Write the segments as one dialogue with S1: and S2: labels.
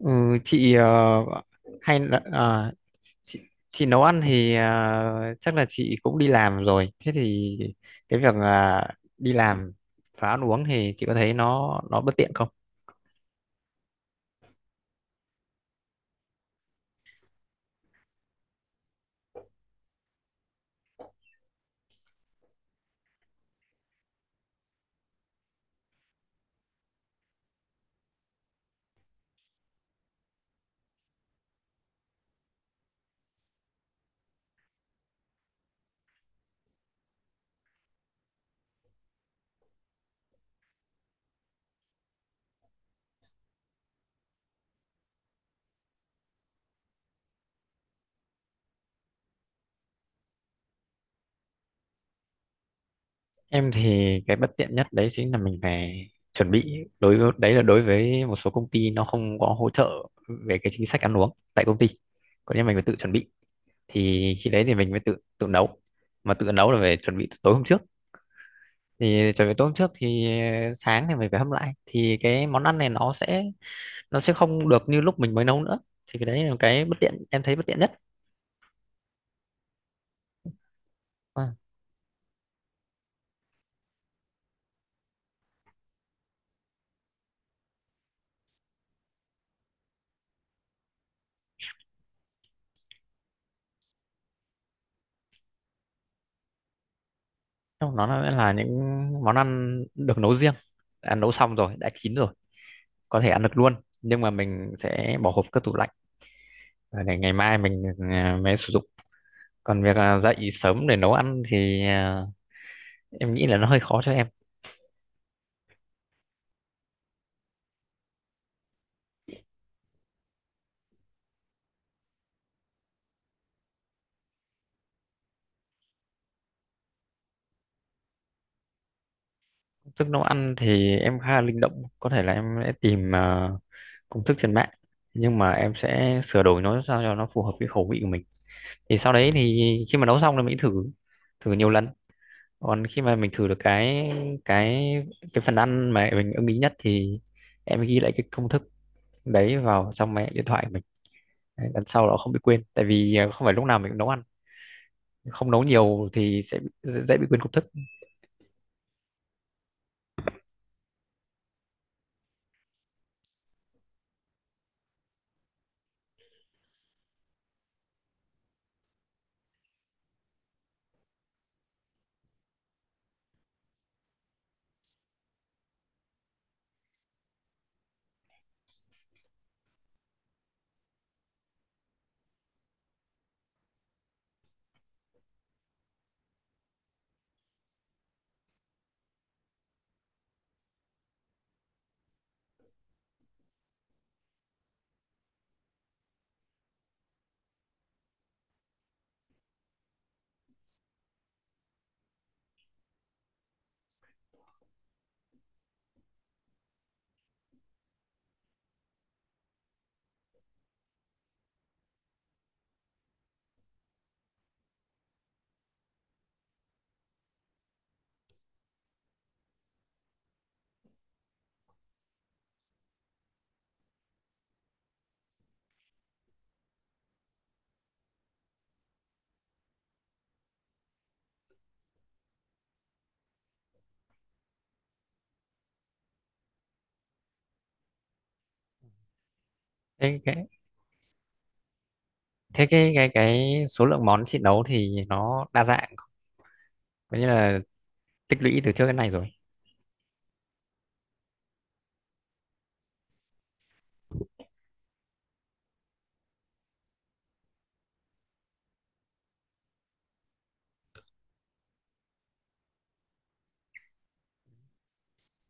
S1: Ừ, chị ờ, hay là à, chị, chị nấu ăn thì chắc là chị cũng đi làm rồi. Thế thì cái việc là đi làm và ăn uống thì chị có thấy nó bất tiện không? Em thì cái bất tiện nhất đấy chính là mình phải chuẩn bị, đối với đấy là đối với một số công ty nó không có hỗ trợ về cái chính sách ăn uống tại công ty. Còn nếu mình phải tự chuẩn bị thì khi đấy thì mình mới tự tự nấu. Mà tự nấu là phải chuẩn bị từ tối hôm trước. Thì chuẩn bị tôm trước thì sáng thì mình phải hâm lại, thì cái món ăn này nó sẽ không được như lúc mình mới nấu nữa. Thì cái đấy là cái bất tiện em thấy bất tiện nhất. Vâng, trong đó là những món ăn được nấu riêng, đã nấu xong rồi, đã chín rồi, có thể ăn được luôn, nhưng mà mình sẽ bỏ hộp cất tủ lạnh để ngày mai mình mới sử dụng. Còn việc dậy sớm để nấu ăn thì em nghĩ là nó hơi khó cho em. Tức nấu ăn thì em khá là linh động, có thể là em sẽ tìm công thức trên mạng, nhưng mà em sẽ sửa đổi nó sao cho nó phù hợp với khẩu vị của mình. Thì sau đấy thì khi mà nấu xong là mình thử, thử nhiều lần. Còn khi mà mình thử được cái cái phần ăn mà mình ưng ý nhất thì em ghi lại cái công thức đấy vào trong cái điện thoại của mình. Đấy, lần sau nó không bị quên, tại vì không phải lúc nào mình cũng nấu ăn, không nấu nhiều thì sẽ dễ, dễ bị quên công thức. Thế cái thế cái cái cái số lượng món chị nấu thì nó đa dạng, có nghĩa là tích lũy từ trước đến nay rồi.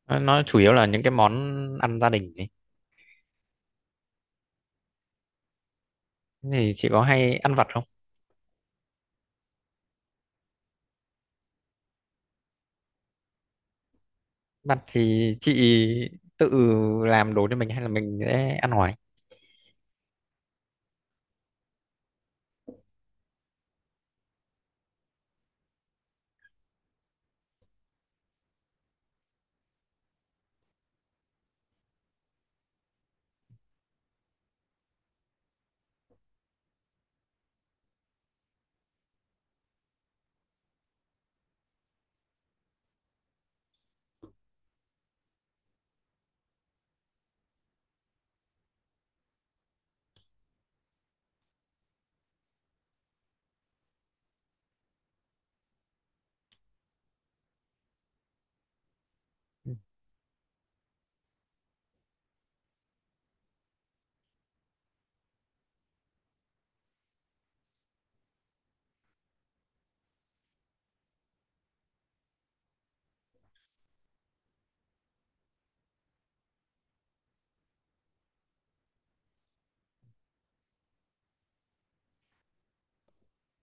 S1: Nó chủ yếu là những cái món ăn gia đình ấy. Thế thì chị có hay ăn vặt không? Vặt thì chị tự làm đồ cho mình hay là mình sẽ ăn ngoài?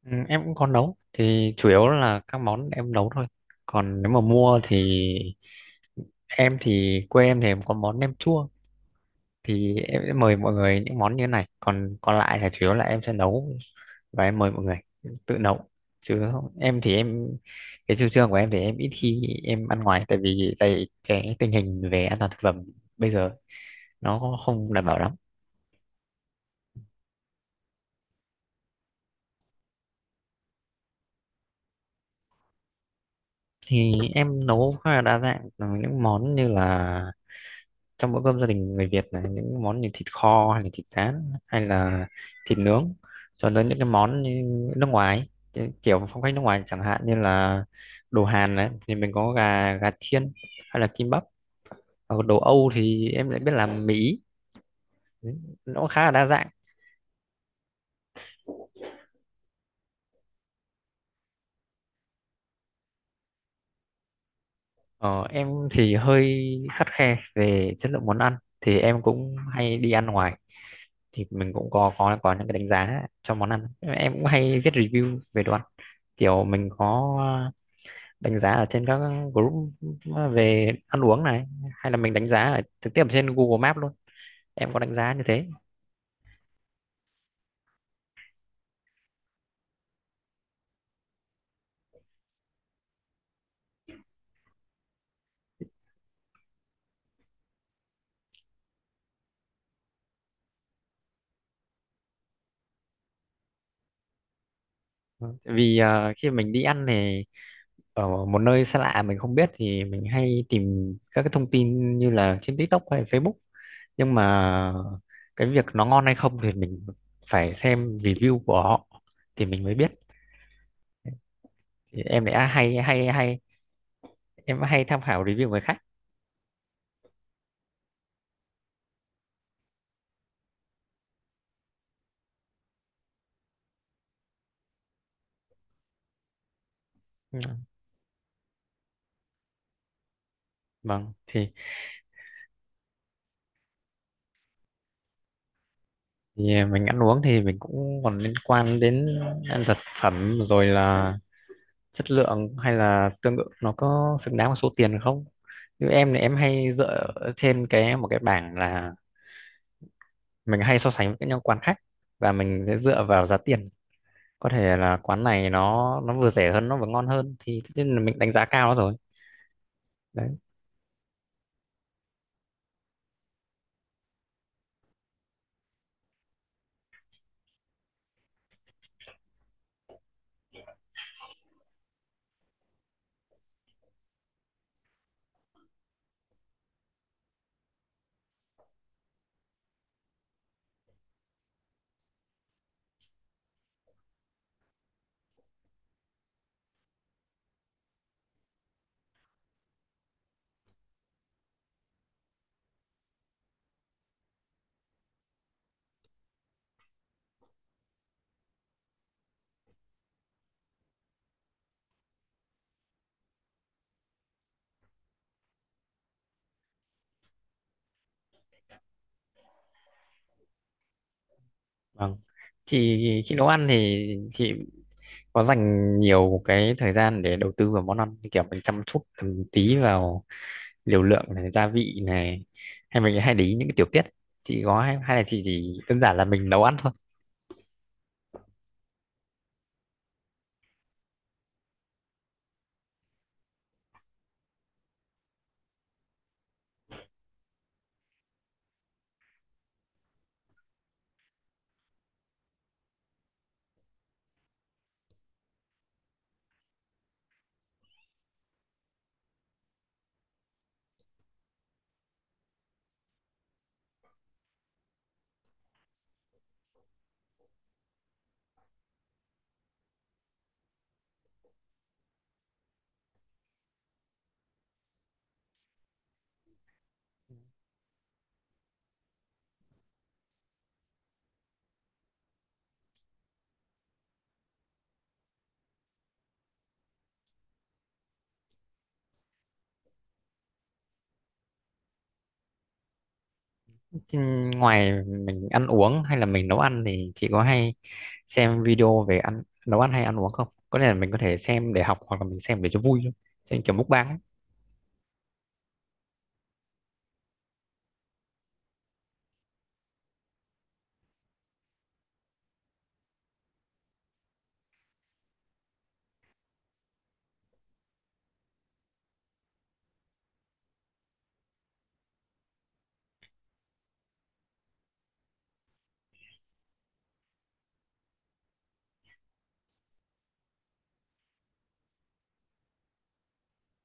S1: Ừ, em cũng có nấu thì chủ yếu là các món em nấu thôi. Còn nếu mà mua thì em thì quê em thì có món nem chua, thì em sẽ mời mọi người những món như thế này, còn còn lại là chủ yếu là em sẽ nấu và em mời mọi người. Tự nấu, chứ không- em thì em, cái chủ trương của em thì em ít khi em ăn ngoài tại vì tại cái tình hình về an toàn thực phẩm bây giờ nó không đảm bảo lắm. Thì em nấu khá là đa dạng, những món như là trong bữa cơm gia đình người Việt là những món như thịt kho hay là thịt rán hay là thịt nướng, cho đến những cái món như nước ngoài, cái kiểu phong cách nước ngoài chẳng hạn như là đồ Hàn đấy thì mình có gà gà chiên hay là kim bắp. Ở đồ Âu thì em lại biết làm Mỹ, nó cũng khá là đa dạng. Ờ, em thì hơi khắt khe về chất lượng món ăn, thì em cũng hay đi ăn ngoài thì mình cũng có những cái đánh giá cho món ăn. Em cũng hay viết review về đồ ăn, kiểu mình có đánh giá ở trên các group về ăn uống này, hay là mình đánh giá ở trực tiếp ở trên Google Maps luôn. Em có đánh giá như thế. Ừ, vì khi mình đi ăn thì ở một nơi xa lạ mình không biết thì mình hay tìm các cái thông tin như là trên TikTok hay Facebook, nhưng mà cái việc nó ngon hay không thì mình phải xem review của họ thì mình mới biết. Thì em lại à, hay hay hay em hay tham khảo review người khác. Ừ. Vâng thì mình ăn uống thì mình cũng còn liên quan đến ăn thực phẩm rồi, là chất lượng hay là tương ứng nó có xứng đáng với số tiền không. Như em thì em hay dựa trên cái một cái bảng là mình hay so sánh với những quán khác, và mình sẽ dựa vào giá tiền. Có thể là quán này nó vừa rẻ hơn nó vừa ngon hơn thì tất nhiên là mình đánh giá cao nó rồi. Đấy. Vâng chị, khi nấu ăn thì chị có dành nhiều cái thời gian để đầu tư vào món ăn như kiểu mình chăm chút từng tí vào liều lượng này gia vị này, hay mình hay để ý những cái tiểu tiết? Chị có hay, hay là chị chỉ đơn giản là mình nấu ăn thôi? Chứ ngoài mình ăn uống hay là mình nấu ăn thì chị có hay xem video về ăn nấu ăn hay ăn uống không? Có thể là mình có thể xem để học hoặc là mình xem để cho vui thôi, xem kiểu mukbang ấy.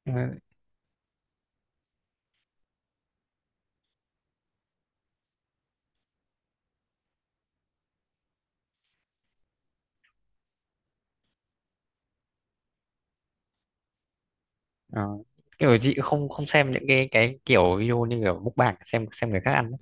S1: Ừ. Ờ, kiểu chị không không xem những cái kiểu video như kiểu mukbang, xem người khác ăn ấy.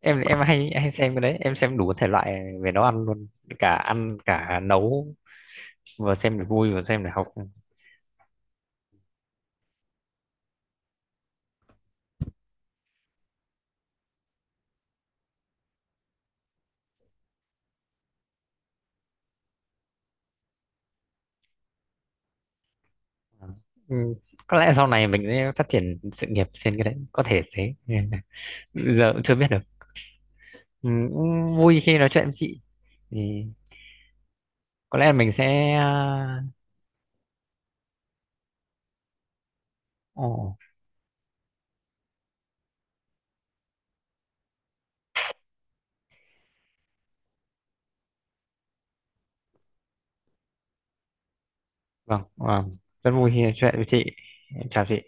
S1: Em hay hay xem cái đấy, em xem đủ thể loại về nấu ăn luôn, cả ăn cả nấu, vừa xem để vui vừa xem để học. Ừ, có lẽ sau này mình sẽ phát triển sự nghiệp trên cái đấy, có thể thế. Giờ cũng chưa biết được. Ừ, cũng vui khi nói chuyện với chị. Thì có lẽ mình sẽ ồ. Vâng vâng, rất vui khi nói chuyện với chị. Em chào chị.